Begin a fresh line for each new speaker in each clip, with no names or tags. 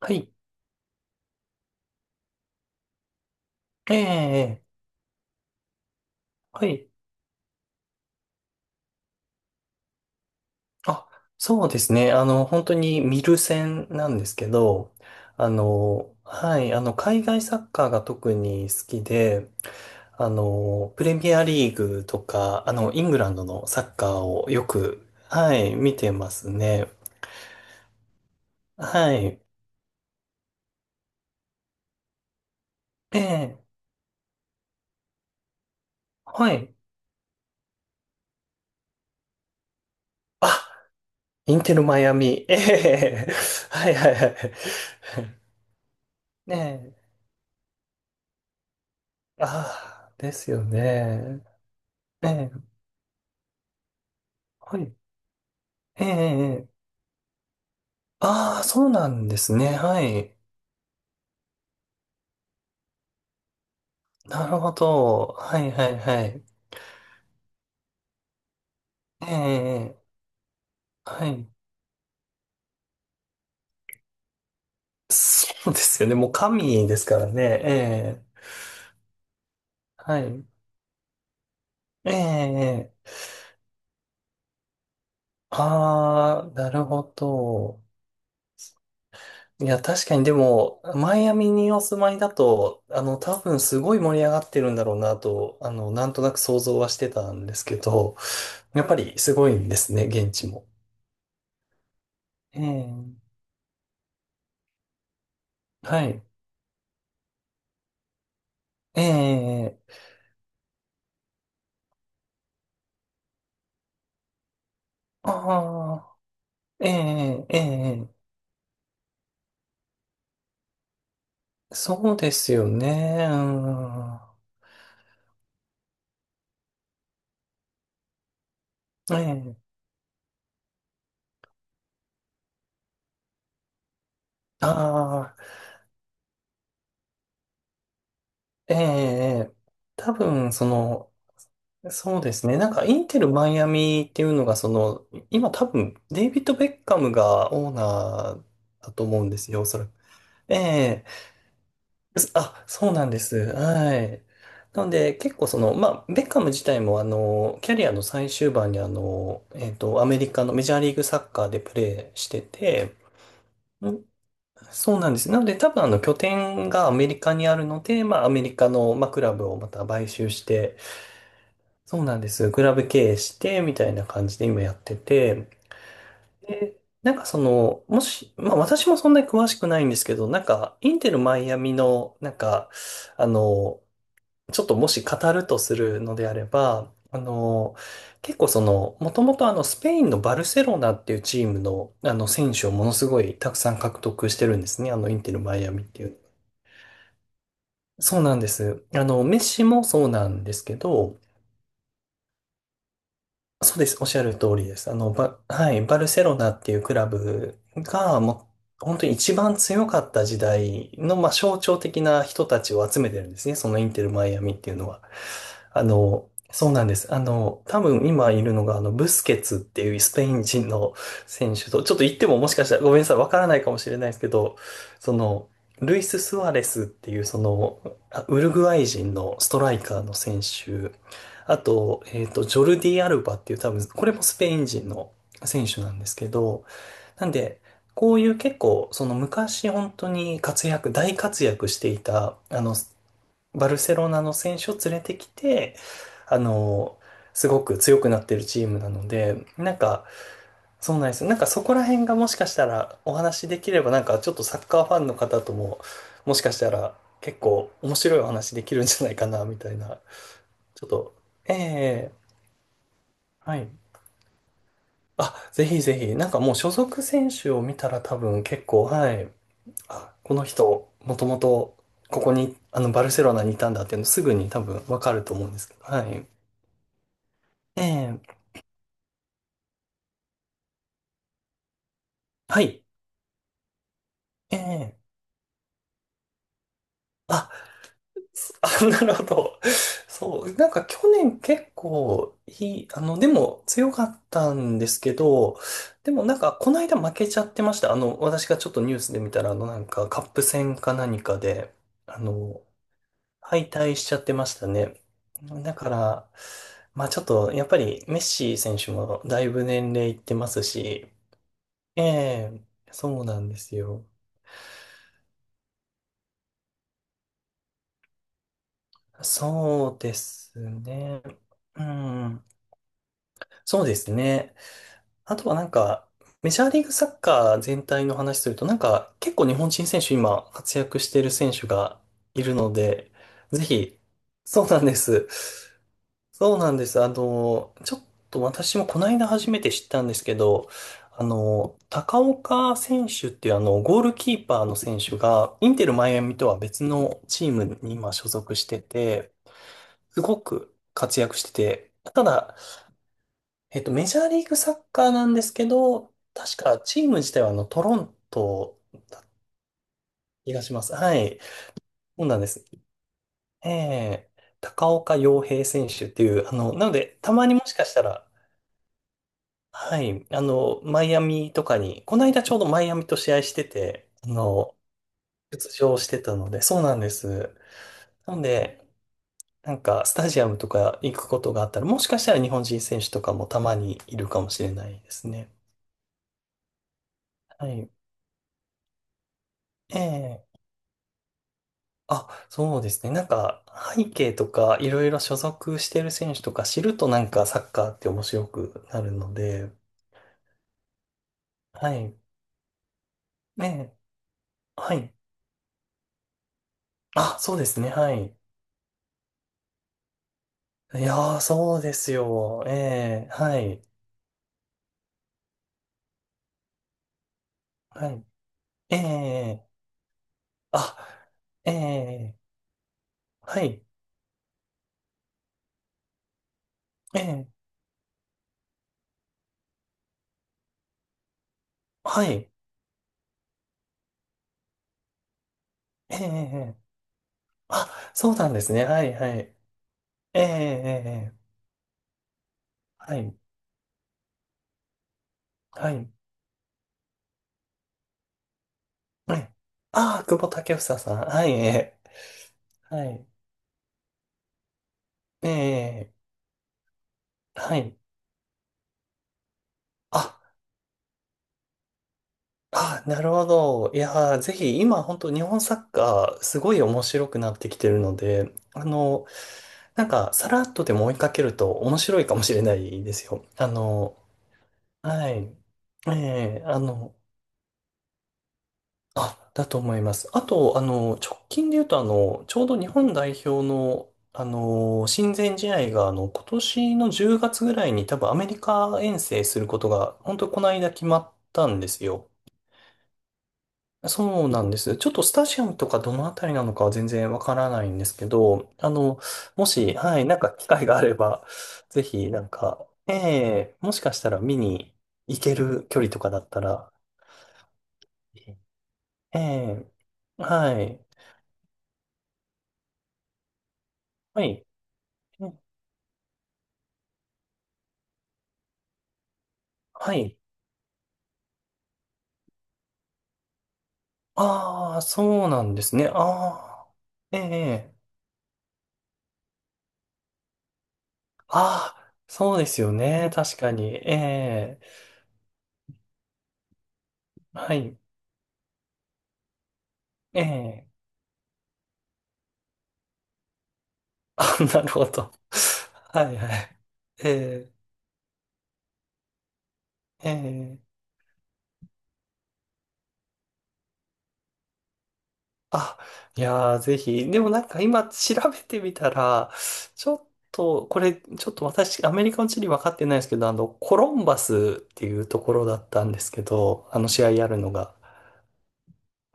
はい。ええ、はい。あ、そうですね。本当に見る線なんですけど、海外サッカーが特に好きで、プレミアリーグとか、イングランドのサッカーをよく、はい、見てますね。はい。ええ、はい。あ、インテルマイアミ。ええ、はいはいはい。ねえ、ああ、ですよね。ええ、はい。ええええ、ああ、そうなんですね。はい。なるほど。はいはいはい。ええ、はい。そうですよね。もう神ですからね。ええ、はい。ええ、ああ、なるほど。いや、確かにでも、マイアミにお住まいだと、多分すごい盛り上がってるんだろうなと、なんとなく想像はしてたんですけど、やっぱりすごいんですね、現地も。ええ、はい。ええ、ああ。ええ、ええ、そうですよね。うん。ええ、ああ、ええ、多分、その、そうですね。なんか、インテル・マイアミっていうのが、その、今多分、デイビッド・ベッカムがオーナーだと思うんですよ、おそらく。ええ、あ、そうなんです。はい。なので、結構その、まあ、ベッカム自体も、キャリアの最終盤に、アメリカのメジャーリーグサッカーでプレーしてて、そうなんです。なので多分あの拠点がアメリカにあるので、まあアメリカの、まあ、クラブをまた買収して、そうなんです。クラブ経営してみたいな感じで今やってて、で、なんかその、もし、まあ私もそんなに詳しくないんですけど、なんかインテルマイアミの、なんか、あの、ちょっともし語るとするのであれば、結構その、もともとあのスペインのバルセロナっていうチームの、あの選手をものすごいたくさん獲得してるんですね。あのインテルマイアミっていうそうなんです。あの、メッシもそうなんですけど、そうです。おっしゃる通りです。あの、はい、バルセロナっていうクラブが、もう、本当に一番強かった時代の、まあ、象徴的な人たちを集めてるんですね。そのインテル・マイアミっていうのは。あの、そうなんです。多分今いるのが、ブスケツっていうスペイン人の選手と、ちょっと言ってももしかしたらごめんなさい、わからないかもしれないですけど、その、ルイス・スアレスっていう、その、ウルグアイ人のストライカーの選手、あと、ジョルディ・アルバっていう多分、これもスペイン人の選手なんですけど、なんで、こういう結構、その昔本当に大活躍していた、バルセロナの選手を連れてきて、あの、すごく強くなってるチームなので、なんか、そうなんですよ。なんかそこら辺がもしかしたらお話しできれば、なんかちょっとサッカーファンの方とも、もしかしたら結構面白いお話できるんじゃないかな、みたいな。ちょっと、ええ、はい。あ、ぜひぜひ、なんかもう所属選手を見たら多分結構、はい。あ、この人、もともとここに、バルセロナにいたんだっていうのすぐに多分わかると思うんですけど、はい。ええ、はい。ええ、あ、あ、なるほど。そう、なんか去年結構いい、あの、でも強かったんですけど、でもなんかこの間負けちゃってました。私がちょっとニュースで見たら、なんかカップ戦か何かで、あの、敗退しちゃってましたね。だから、まあちょっと、やっぱりメッシ選手もだいぶ年齢いってますし、ええ、そうなんですよ。そうですね。うん。そうですね。あとはなんか、メジャーリーグサッカー全体の話すると、なんか結構日本人選手今活躍している選手がいるので、ぜひ、そうなんです。そうなんです。ちょっと私もこの間初めて知ったんですけど、高岡選手っていうあの、ゴールキーパーの選手が、インテルマイアミとは別のチームに今所属してて、すごく活躍してて、ただ、メジャーリーグサッカーなんですけど、確かチーム自体はあの、トロント、気がします。はい。そうなんです。ええ、高岡洋平選手っていう、なので、たまにもしかしたら、はい、マイアミとかに、この間ちょうどマイアミと試合してて、出場してたので、そうなんです。なので、なんか、スタジアムとか行くことがあったら、もしかしたら日本人選手とかもたまにいるかもしれないですね。はい。ええ。あ、そうですね。なんか、背景とか、いろいろ所属してる選手とか知るとなんかサッカーって面白くなるので、はい。ええ。はい。あ、そうですね。はい。いやー、そうですよ。ええ。はい。はい。ええ。あ、ええ。はい。ええ。はい。ええ。あ、そうなんですね。はい、はい。ええ。ええ、はい。はい。ええ。ああ、久保建英さん。はい。ええ。はい。ええ、はい。あ、あ、なるほど。いやー、ぜひ、今、本当日本サッカー、すごい面白くなってきてるので、なんか、さらっとでも追いかけると面白いかもしれないですよ。あの、はい。ええ、あの、あ、だと思います。あと、直近で言うと、ちょうど日本代表の、親善試合が、今年の10月ぐらいに多分アメリカ遠征することが、本当この間決まったんですよ。そうなんです。ちょっとスタジアムとかどのあたりなのかは全然わからないんですけど、もし、はい、なんか機会があれば、ぜひ、なんか、ええ、もしかしたら見に行ける距離とかだったら、ええ、はい、はい、はい。ああ、そうなんですね。ああ、ええ、ああ、そうですよね。確かに。ええ、はい、ええ、あ、なるほど。はい、はい。ええええ、あ、いやー、ぜひ。でもなんか今調べてみたら、ちょっと、これ、ちょっと私、アメリカの地理分かってないですけど、コロンバスっていうところだったんですけど、あの試合やるのが。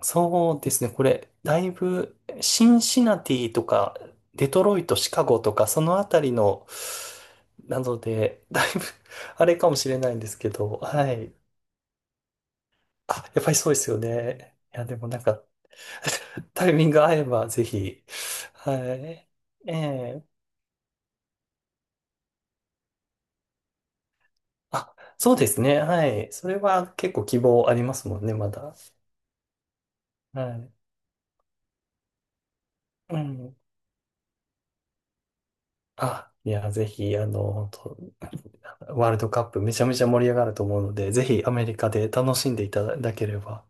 そうですね、これ、だいぶ、シンシナティとか、デトロイト、シカゴとか、そのあたりの、なので、だいぶ、あれかもしれないんですけど、はい。あ、やっぱりそうですよね。いや、でもなんか、タイミング合えばぜひ。はい。ええ、あ、そうですね。はい。それは結構希望ありますもんね、まだ。はい。うん。あ、いや、ぜひ、あの、本当ワールドカップめちゃめちゃ盛り上がると思うので、ぜひアメリカで楽しんでいただければ。